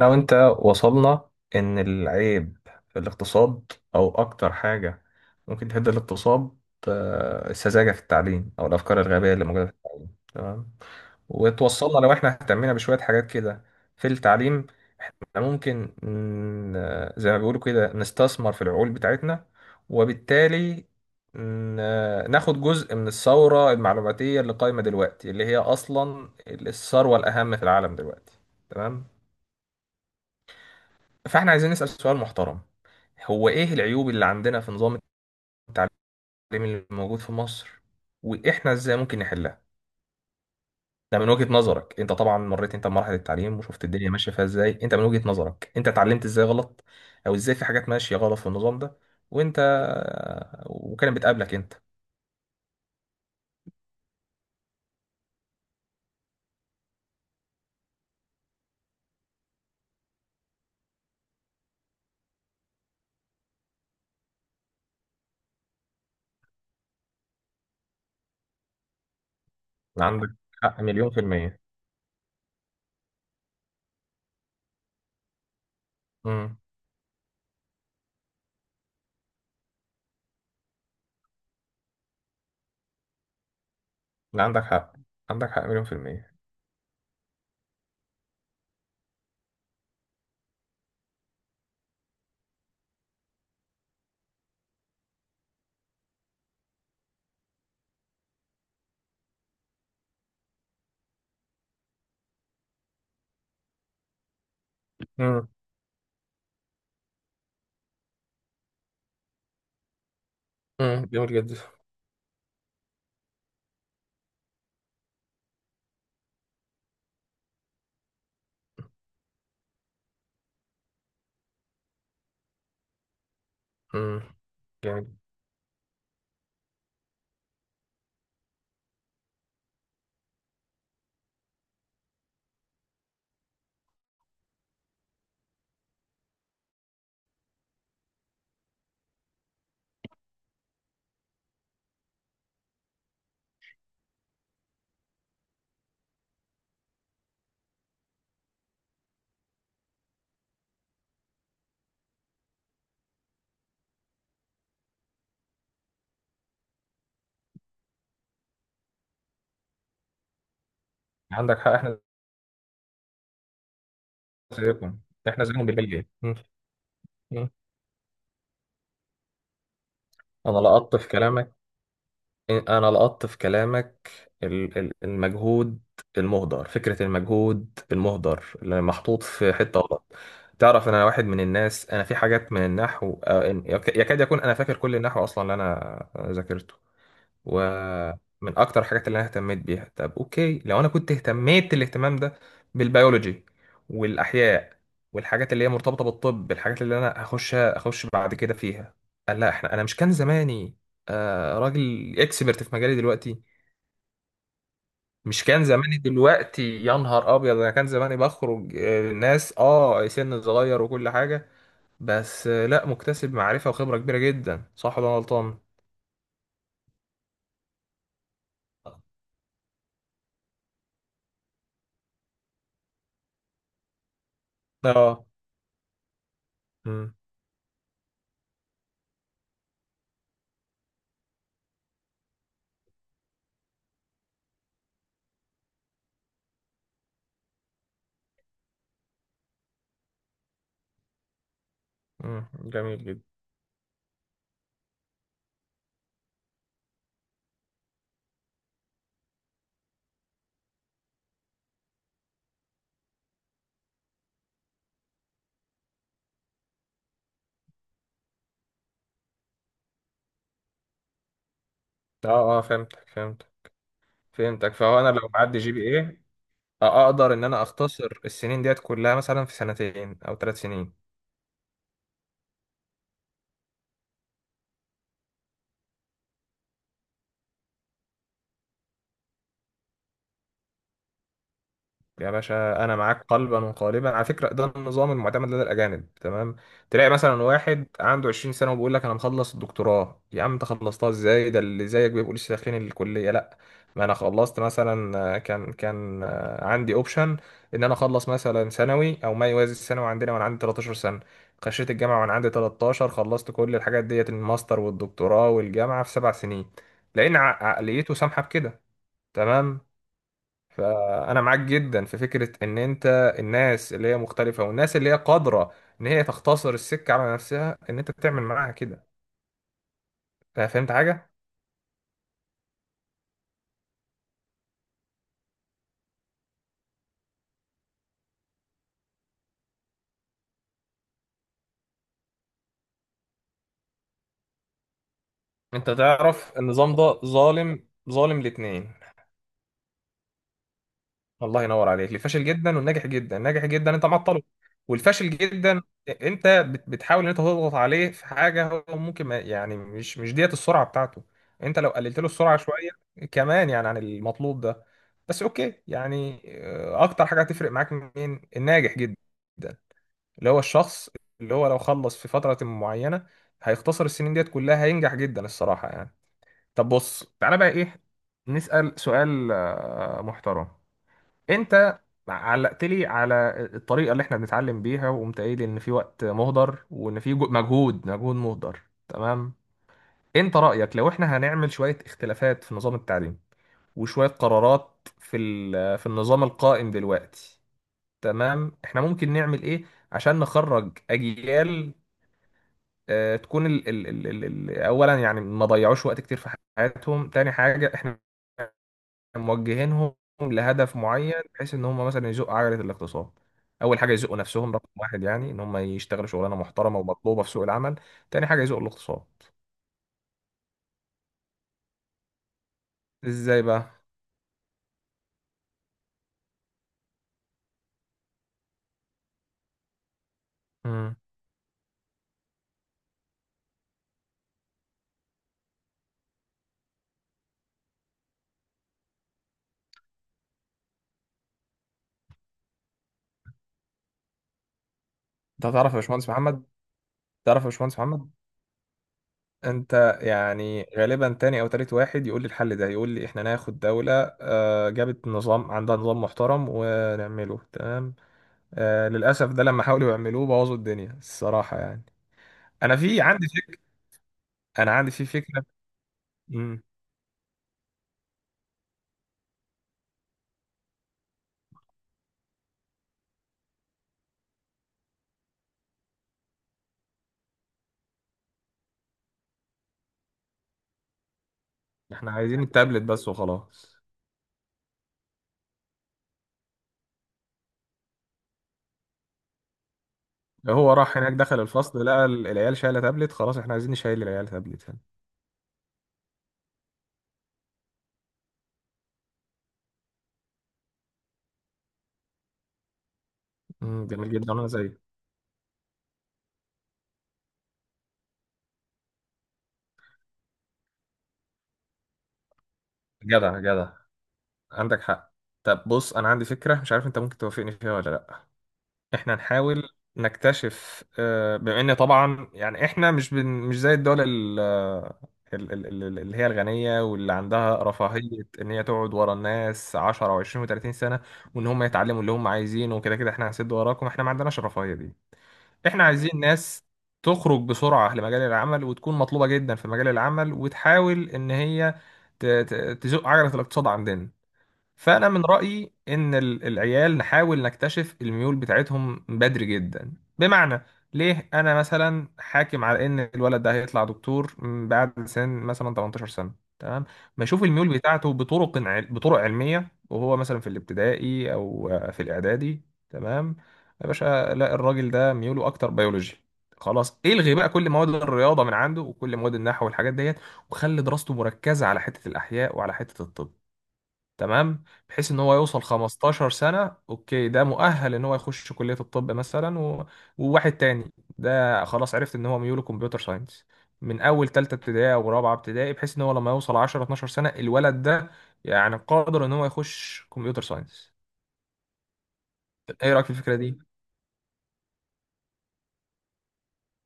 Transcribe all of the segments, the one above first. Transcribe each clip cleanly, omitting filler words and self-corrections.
انا وانت وصلنا ان العيب في الاقتصاد او اكتر حاجة ممكن تهد الاقتصاد، السذاجة في التعليم او الافكار الغبية اللي موجودة في التعليم. تمام. وتوصلنا لو احنا اهتمينا بشوية حاجات كده في التعليم، إحنا ممكن زي ما بيقولوا كده نستثمر في العقول بتاعتنا، وبالتالي ناخد جزء من الثورة المعلوماتية اللي قايمة دلوقتي، اللي هي أصلا الثروة الأهم في العالم دلوقتي. تمام. فاحنا عايزين نسأل سؤال محترم، هو ايه العيوب اللي عندنا في نظام التعليم اللي موجود في مصر، واحنا ازاي ممكن نحلها؟ ده من وجهة نظرك انت، طبعا مريت انت بمراحل التعليم وشفت الدنيا ماشية فيها ازاي، انت من وجهة نظرك انت اتعلمت ازاي غلط او ازاي في حاجات ماشية غلط في النظام ده، وانت وكانت بتقابلك انت. عندك حق مليون في المية. امم. عندك حق. عندك حق مليون في المية. امم. امم، جميل جدا. امم، جميل. عندك حق. احنا زيكم، احنا زيهم بالمية. مم. انا لقطت في كلامك، انا لقطت في كلامك المجهود المهدر، فكرة المجهود المهدر اللي محطوط في حتة غلط. تعرف، انا واحد من الناس انا في حاجات من النحو، يكاد يكون انا فاكر كل النحو اصلا اللي انا ذاكرته، ومن اكتر الحاجات اللي انا اهتميت بيها. طب اوكي، لو انا كنت اهتميت الاهتمام ده بالبيولوجي والاحياء والحاجات اللي هي مرتبطه بالطب، الحاجات اللي انا اخش بعد كده فيها، قال لا. احنا انا مش كان زماني راجل اكسبرت في مجالي دلوقتي؟ مش كان زماني دلوقتي يا نهار ابيض. انا كان زماني بخرج ناس، اه، سن صغير وكل حاجه، بس لا مكتسب معرفه وخبره كبيره جدا. صح ولا أنا غلطان؟ اه. امم. أمم، جميل جدا. اه، اه، فهمتك. فهو انا لو معدي جي بي ايه، اقدر ان انا اختصر السنين ديت كلها مثلا في 2 سنين او 3 سنين. يا باشا، انا معاك قلبا وقالبا. على فكره، ده النظام المعتمد لدى الاجانب. تمام. تلاقي مثلا واحد عنده 20 سنه وبيقول لك انا مخلص الدكتوراه. يا عم انت خلصتها ازاي؟ ده اللي زيك بيبقوا لسه داخلين الكليه. لا، ما انا خلصت مثلا، آه، كان كان آه، عندي اوبشن ان انا اخلص مثلا ثانوي او ما يوازي الثانوي عندنا وانا عندي 13 سنه. خشيت الجامعه وانا عندي 13، خلصت كل الحاجات ديت، الماستر والدكتوراه والجامعه، في 7 سنين، لان عقليته سامحه بكده. تمام. فانا معاك جدا في فكره ان انت الناس اللي هي مختلفه والناس اللي هي قادره ان هي تختصر السكه على نفسها، ان انت تعمل معاها كده. فهمت حاجه؟ انت تعرف النظام ده ظالم، ظالم الاتنين. الله ينور عليك. الفاشل جدا والناجح جدا. الناجح جدا انت معطله، والفاشل جدا انت بتحاول ان انت تضغط عليه في حاجه هو ممكن ما يعني مش ديت السرعه بتاعته. انت لو قللت له السرعه شويه كمان يعني عن المطلوب ده، بس اوكي. يعني اكتر حاجه هتفرق معاك. مين الناجح جدا؟ اللي هو الشخص اللي هو لو خلص في فتره معينه هيختصر السنين ديت كلها، هينجح جدا الصراحه يعني. طب بص تعالى بقى ايه. نسأل سؤال محترم. انت علقت لي على الطريقه اللي احنا بنتعلم بيها، وقمت قايل ان في وقت مهدر وان في مجهود مهدر. تمام. انت رايك لو احنا هنعمل شويه اختلافات في نظام التعليم وشويه قرارات في في النظام القائم دلوقتي، تمام، احنا ممكن نعمل ايه عشان نخرج اجيال اه، تكون اولا يعني ما ضيعوش وقت كتير في حياتهم؟ تاني حاجه، احنا موجهينهم لهدف معين بحيث ان هم مثلا يزقوا عجله الاقتصاد. اول حاجه يزقوا نفسهم، رقم واحد، يعني ان هم يشتغلوا شغلانه محترمه ومطلوبه في سوق العمل. تاني حاجه يزقوا الاقتصاد. ازاي بقى؟ امم. انت تعرف يا باشمهندس محمد، تعرف يا باشمهندس محمد، انت يعني غالبا تاني او تالت واحد يقول لي الحل ده. يقول لي احنا ناخد دولة جابت نظام، عندها نظام محترم، ونعمله. تمام. للأسف ده لما حاولوا يعملوه بوظوا الدنيا الصراحة يعني. انا في عندي فكرة، انا عندي في فكرة. احنا عايزين التابلت بس وخلاص. هو راح هناك دخل الفصل لقى العيال شايله تابلت، خلاص احنا عايزين نشيل العيال تابلت هنا. جميل جدا. انا زيك. جدع جدع. عندك حق. طب بص، انا عندي فكره مش عارف انت ممكن توافقني فيها ولا لا. احنا نحاول نكتشف، بما ان طبعا يعني احنا مش زي الدول اللي هي الغنيه واللي عندها رفاهيه ان هي تقعد ورا الناس 10 و20 و30 سنه، وان هم يتعلموا اللي هم عايزينه وكده، كده احنا هنسد وراكم. احنا ما عندناش الرفاهيه دي. احنا عايزين ناس تخرج بسرعة لمجال العمل وتكون مطلوبة جدا في مجال العمل وتحاول ان هي ت- ت- تزق عجلة الاقتصاد عندنا. فأنا من رأيي إن العيال نحاول نكتشف الميول بتاعتهم بدري جدا. بمعنى، ليه أنا مثلا حاكم على إن الولد ده هيطلع دكتور بعد سن مثلا 18 سنة؟ تمام. بشوف الميول بتاعته بطرق علمية وهو مثلا في الابتدائي أو في الإعدادي. تمام يا باشا. لا، الراجل ده ميوله أكتر بيولوجي، خلاص الغي بقى كل مواد الرياضة من عنده وكل مواد النحو والحاجات ديت، وخلي دراسته مركزة على حتة الأحياء وعلى حتة الطب. تمام، بحيث ان هو يوصل 15 سنة اوكي، ده مؤهل ان هو يخش كلية الطب مثلا و... وواحد تاني ده خلاص عرفت ان هو ميوله كمبيوتر ساينس من اول تالتة ابتدائي او رابعة ابتدائي، بحيث ان هو لما يوصل 10 12 سنة الولد ده يعني قادر ان هو يخش كمبيوتر ساينس. ايه رأيك في الفكرة دي؟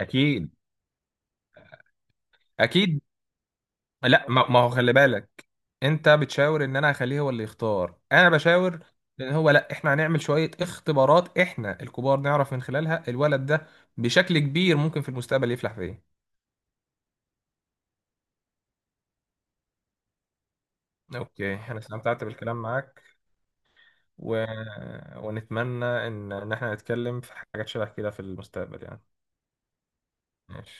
اكيد. اكيد. لا، ما هو خلي بالك، انت بتشاور ان انا هخليه هو اللي يختار، انا بشاور ان هو لا، احنا هنعمل شوية اختبارات احنا الكبار نعرف من خلالها الولد ده بشكل كبير ممكن في المستقبل يفلح في ايه. اوكي، انا استمتعت بالكلام معاك، و... ونتمنى ان احنا نتكلم في حاجات شبه كده في المستقبل يعني. ماشي.